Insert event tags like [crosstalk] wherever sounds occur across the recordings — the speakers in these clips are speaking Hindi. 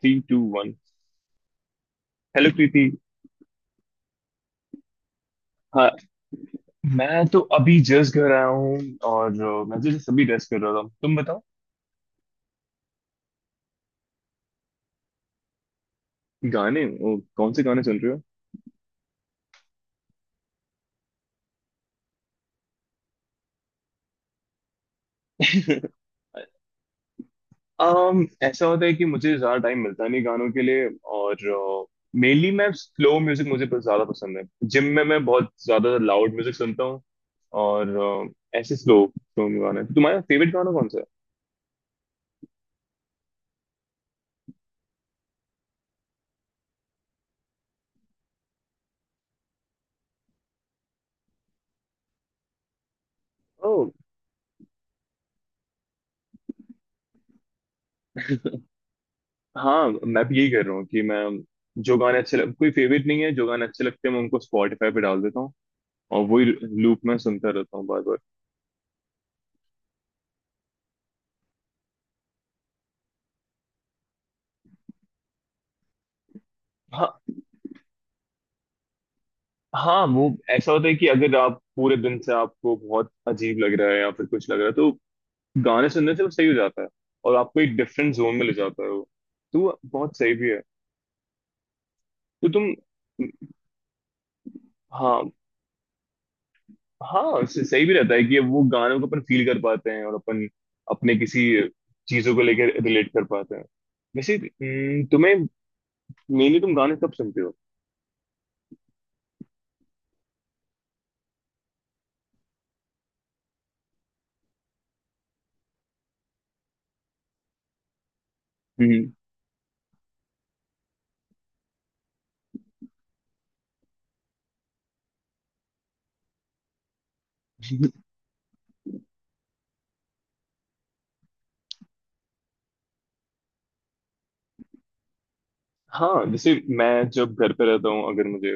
3 2 1। हेलो प्रीति। हाँ, मैं तो अभी जस्ट घर आया हूँ। और मैं तो जस्ट अभी रेस्ट कर रहा था, तुम बताओ। गाने? कौन से गाने सुन रहे हो? ऐसा होता है कि मुझे ज्यादा टाइम मिलता नहीं गानों के लिए। और मेनली मैं स्लो म्यूजिक, मुझे बहुत ज्यादा पसंद है। जिम में मैं बहुत ज्यादा लाउड म्यूजिक सुनता हूँ। और ऐसे स्लो स्लो गाने, तो तुम्हारा फेवरेट गाना कौन सा है? ओह। हाँ, मैं भी यही कर रहा हूँ कि मैं जो गाने अच्छे लग कोई फेवरेट नहीं है, जो गाने अच्छे लगते हैं मैं उनको स्पॉटिफाई पे डाल देता हूँ। और वही लूप में सुनता रहता हूँ, बार बार। हाँ, हाँ, वो ऐसा होता है कि अगर आप पूरे दिन से आपको बहुत अजीब लग रहा है या फिर कुछ लग रहा है, तो गाने सुनने से वो सही हो जाता है। और आपको एक डिफरेंट जोन में ले जाता है वो। तो वो बहुत सही भी है। तो तुम, हाँ, हाँ सही भी रहता है कि वो गानों को अपन फील कर पाते हैं, और अपन अपने किसी चीजों को लेकर रिलेट कर पाते हैं। वैसे तुम्हें मेनली तुम गाने कब सुनते हो? हम्म। हाँ, जैसे मैं जब घर पे रहता हूँ, अगर मुझे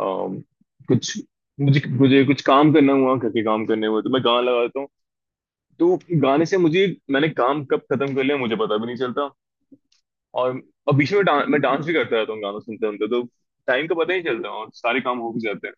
अम, कुछ मुझे मुझे कुछ काम करना हुआ, घर के काम करने हुए, तो मैं गाना लगा देता हूँ। तो गाने से मुझे मैंने काम कब खत्म कर लिया मुझे पता भी नहीं चलता। और अब बीच में मैं डांस भी करता रहता हूँ गाना सुनते सुनते। तो टाइम का पता ही नहीं चलता और सारे काम हो भी जाते हैं।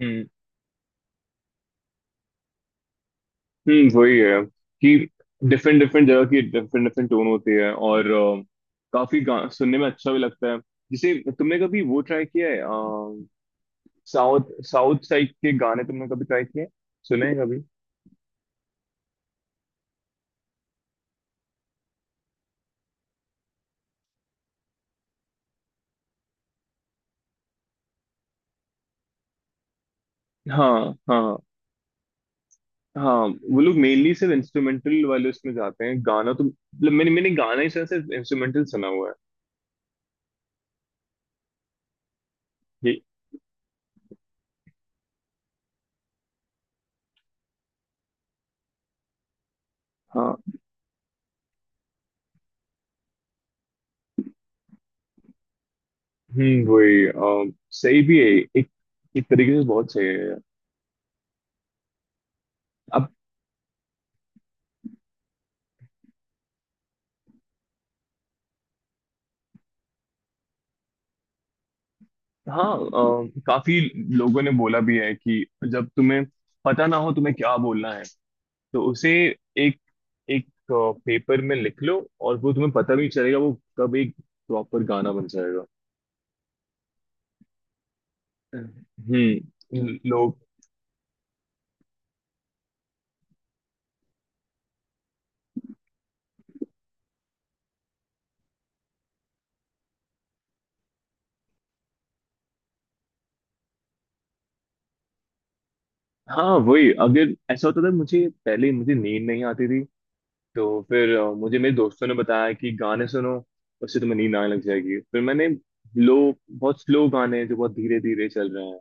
हम्म, हम्म, वही है कि डिफरेंट डिफरेंट जगह की डिफरेंट डिफरेंट टोन होती है। और काफी सुनने में अच्छा भी लगता है। जैसे तुमने कभी वो ट्राई किया है? साउथ साउथ साइड के गाने तुमने कभी ट्राई किए? सुने हैं कभी? हाँ, हाँ, हाँ। वो लोग मेनली सिर्फ इंस्ट्रूमेंटल वाले उसमें जाते हैं, गाना तो मतलब मैंने मैंने गाना ही सुना सिर्फ, इंस्ट्रूमेंटल सुना हुआ है। ये, हाँ, हम्म, वही सही भी है। एक एक तरीके से बहुत सही है यार। अब, हाँ काफी लोगों ने बोला भी है कि जब तुम्हें पता ना हो तुम्हें क्या बोलना है, तो उसे एक एक पेपर में लिख लो, और वो तुम्हें पता भी नहीं चलेगा वो कब एक प्रॉपर गाना बन जाएगा। हम्म। लोग, हाँ, वही, अगर ऐसा होता था, मुझे पहले मुझे नींद नहीं आती थी। तो फिर मुझे मेरे दोस्तों ने बताया कि गाने सुनो, उससे तुम्हें नींद आने लग जाएगी। फिर मैंने लो बहुत स्लो गाने जो बहुत धीरे धीरे चल रहे हैं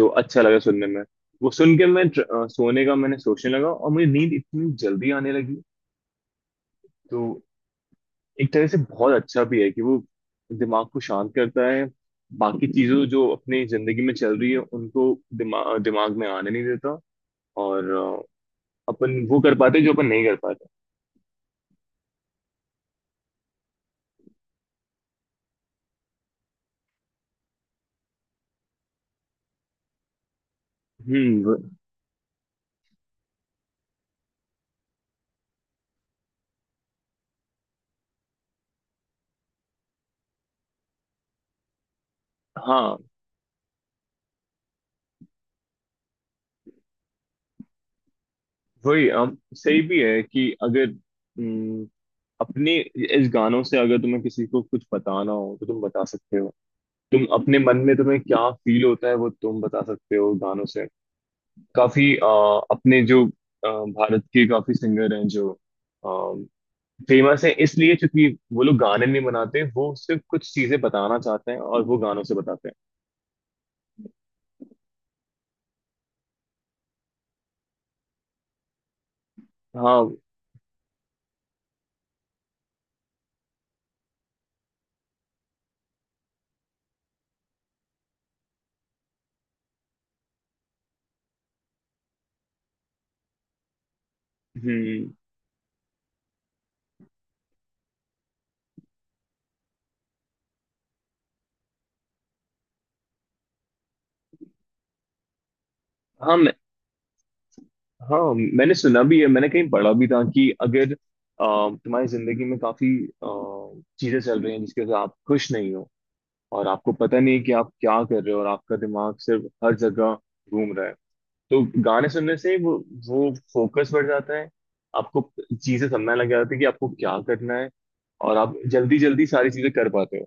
जो अच्छा लगा सुनने में, वो सुन के मैं सोने का मैंने सोचने लगा और मुझे नींद इतनी जल्दी आने लगी। तो एक तरह से बहुत अच्छा भी है कि वो दिमाग को शांत करता है। बाकी चीजों जो अपनी जिंदगी में चल रही है उनको दिमाग दिमाग में आने नहीं देता। और अपन वो कर पाते जो अपन नहीं कर पाते। हम्म, हाँ, वही सही भी है कि अगर हम्म, अपने इस गानों से अगर तुम्हें किसी को कुछ बताना हो तो तुम बता सकते हो। तुम अपने मन में तुम्हें क्या फील होता है वो तुम बता सकते हो गानों से। काफी अपने जो भारत के काफी सिंगर हैं जो फेमस हैं इसलिए क्योंकि वो लोग गाने नहीं बनाते, वो सिर्फ कुछ चीजें बताना चाहते हैं और वो गानों से बताते हैं। हाँ, हम्म, हाँ, मैं, हाँ मैंने सुना भी है, मैंने कहीं पढ़ा भी था कि अगर तुम्हारी जिंदगी में काफी चीजें चल रही हैं जिसकी वजह से आप खुश नहीं हो, और आपको पता नहीं कि आप क्या कर रहे हो, और आपका दिमाग सिर्फ हर जगह घूम रहा है, तो गाने सुनने से वो फोकस बढ़ जाता है। आपको चीजें समझने लग जाती है कि आपको क्या करना है, और आप जल्दी जल्दी सारी चीजें कर पाते हो।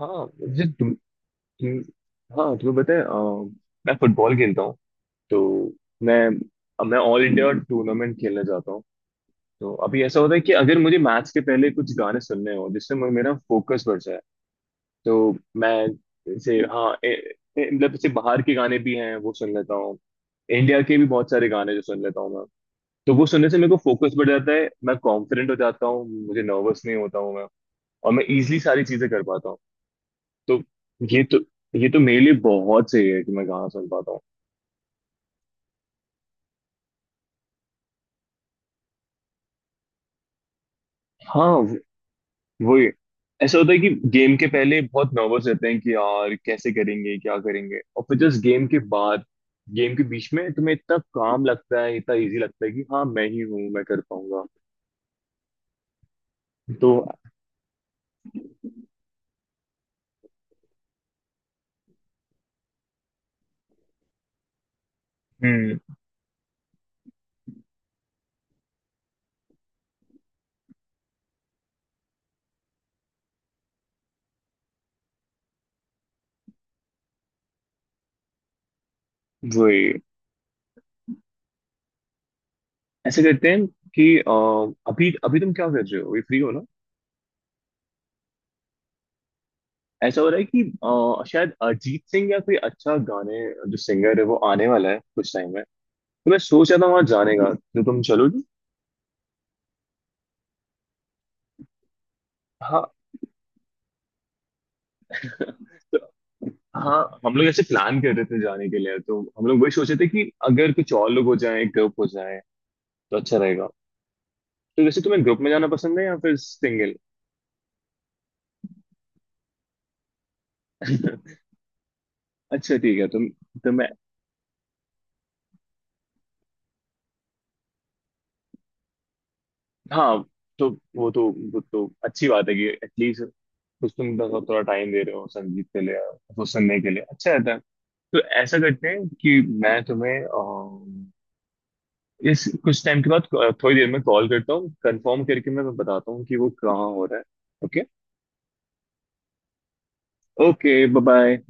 हाँ, मुझे तुम, हाँ तुम्हें पता है मैं फुटबॉल खेलता हूँ। तो मैं मैं ऑल इंडिया टूर्नामेंट खेलने जाता हूँ। तो अभी ऐसा होता है कि अगर मुझे मैच के पहले कुछ गाने सुनने हो जिससे मेरा फोकस बढ़ जाए, तो मैं, जैसे हाँ, मतलब जैसे बाहर के गाने भी हैं वो सुन लेता हूँ। इंडिया के भी बहुत सारे गाने जो सुन लेता हूँ। तो वो सुनने से मेरे को फोकस बढ़ जाता है, मैं कॉन्फिडेंट हो जाता हूँ, मुझे नर्वस नहीं होता हूँ मैं। और मैं इजिली सारी चीजें कर पाता हूँ। तो ये तो ये तो मेरे लिए बहुत सही है कि मैं गाना सुन पाता हूँ। हाँ, वो ही। ऐसा होता है कि गेम के पहले बहुत नर्वस रहते हैं कि यार कैसे करेंगे क्या करेंगे, और फिर जस्ट गेम के बाद गेम के बीच में तुम्हें इतना काम लगता है इतना इजी लगता है कि हाँ मैं ही हूँ, मैं कर पाऊंगा। तो, हम्म, वही ऐसे करते हैं कि अभी अभी तुम क्या कर रहे हो, अभी फ्री हो? ऐसा हो रहा है कि शायद अरिजीत सिंह या कोई अच्छा गाने जो सिंगर है वो आने वाला है कुछ टाइम में। तो मैं सोच रहा था वहां जाने का, तो तुम चलोगी? हाँ। [laughs] तो हाँ, हम लोग ऐसे प्लान कर रहे थे जाने के लिए, तो हम लोग वही सोचे थे कि अगर कुछ और लोग हो जाए ग्रुप हो जाए तो अच्छा रहेगा। तो वैसे तुम्हें ग्रुप में जाना पसंद है या फिर सिंगल? [laughs] अच्छा, ठीक है तुम। तो मैं, हाँ, तो वो तो वो तो अच्छी बात है कि एटलीस्ट कुछ तुम थोड़ा टाइम दे रहे हो संगीत के लिए। तो सुनने के लिए अच्छा रहता है। तो ऐसा करते हैं कि मैं तुम्हें इस कुछ टाइम के बाद थोड़ी देर में कॉल करता हूँ, कंफर्म करके मैं बताता हूँ कि वो कहाँ हो रहा है। ओके। Okay, bye bye.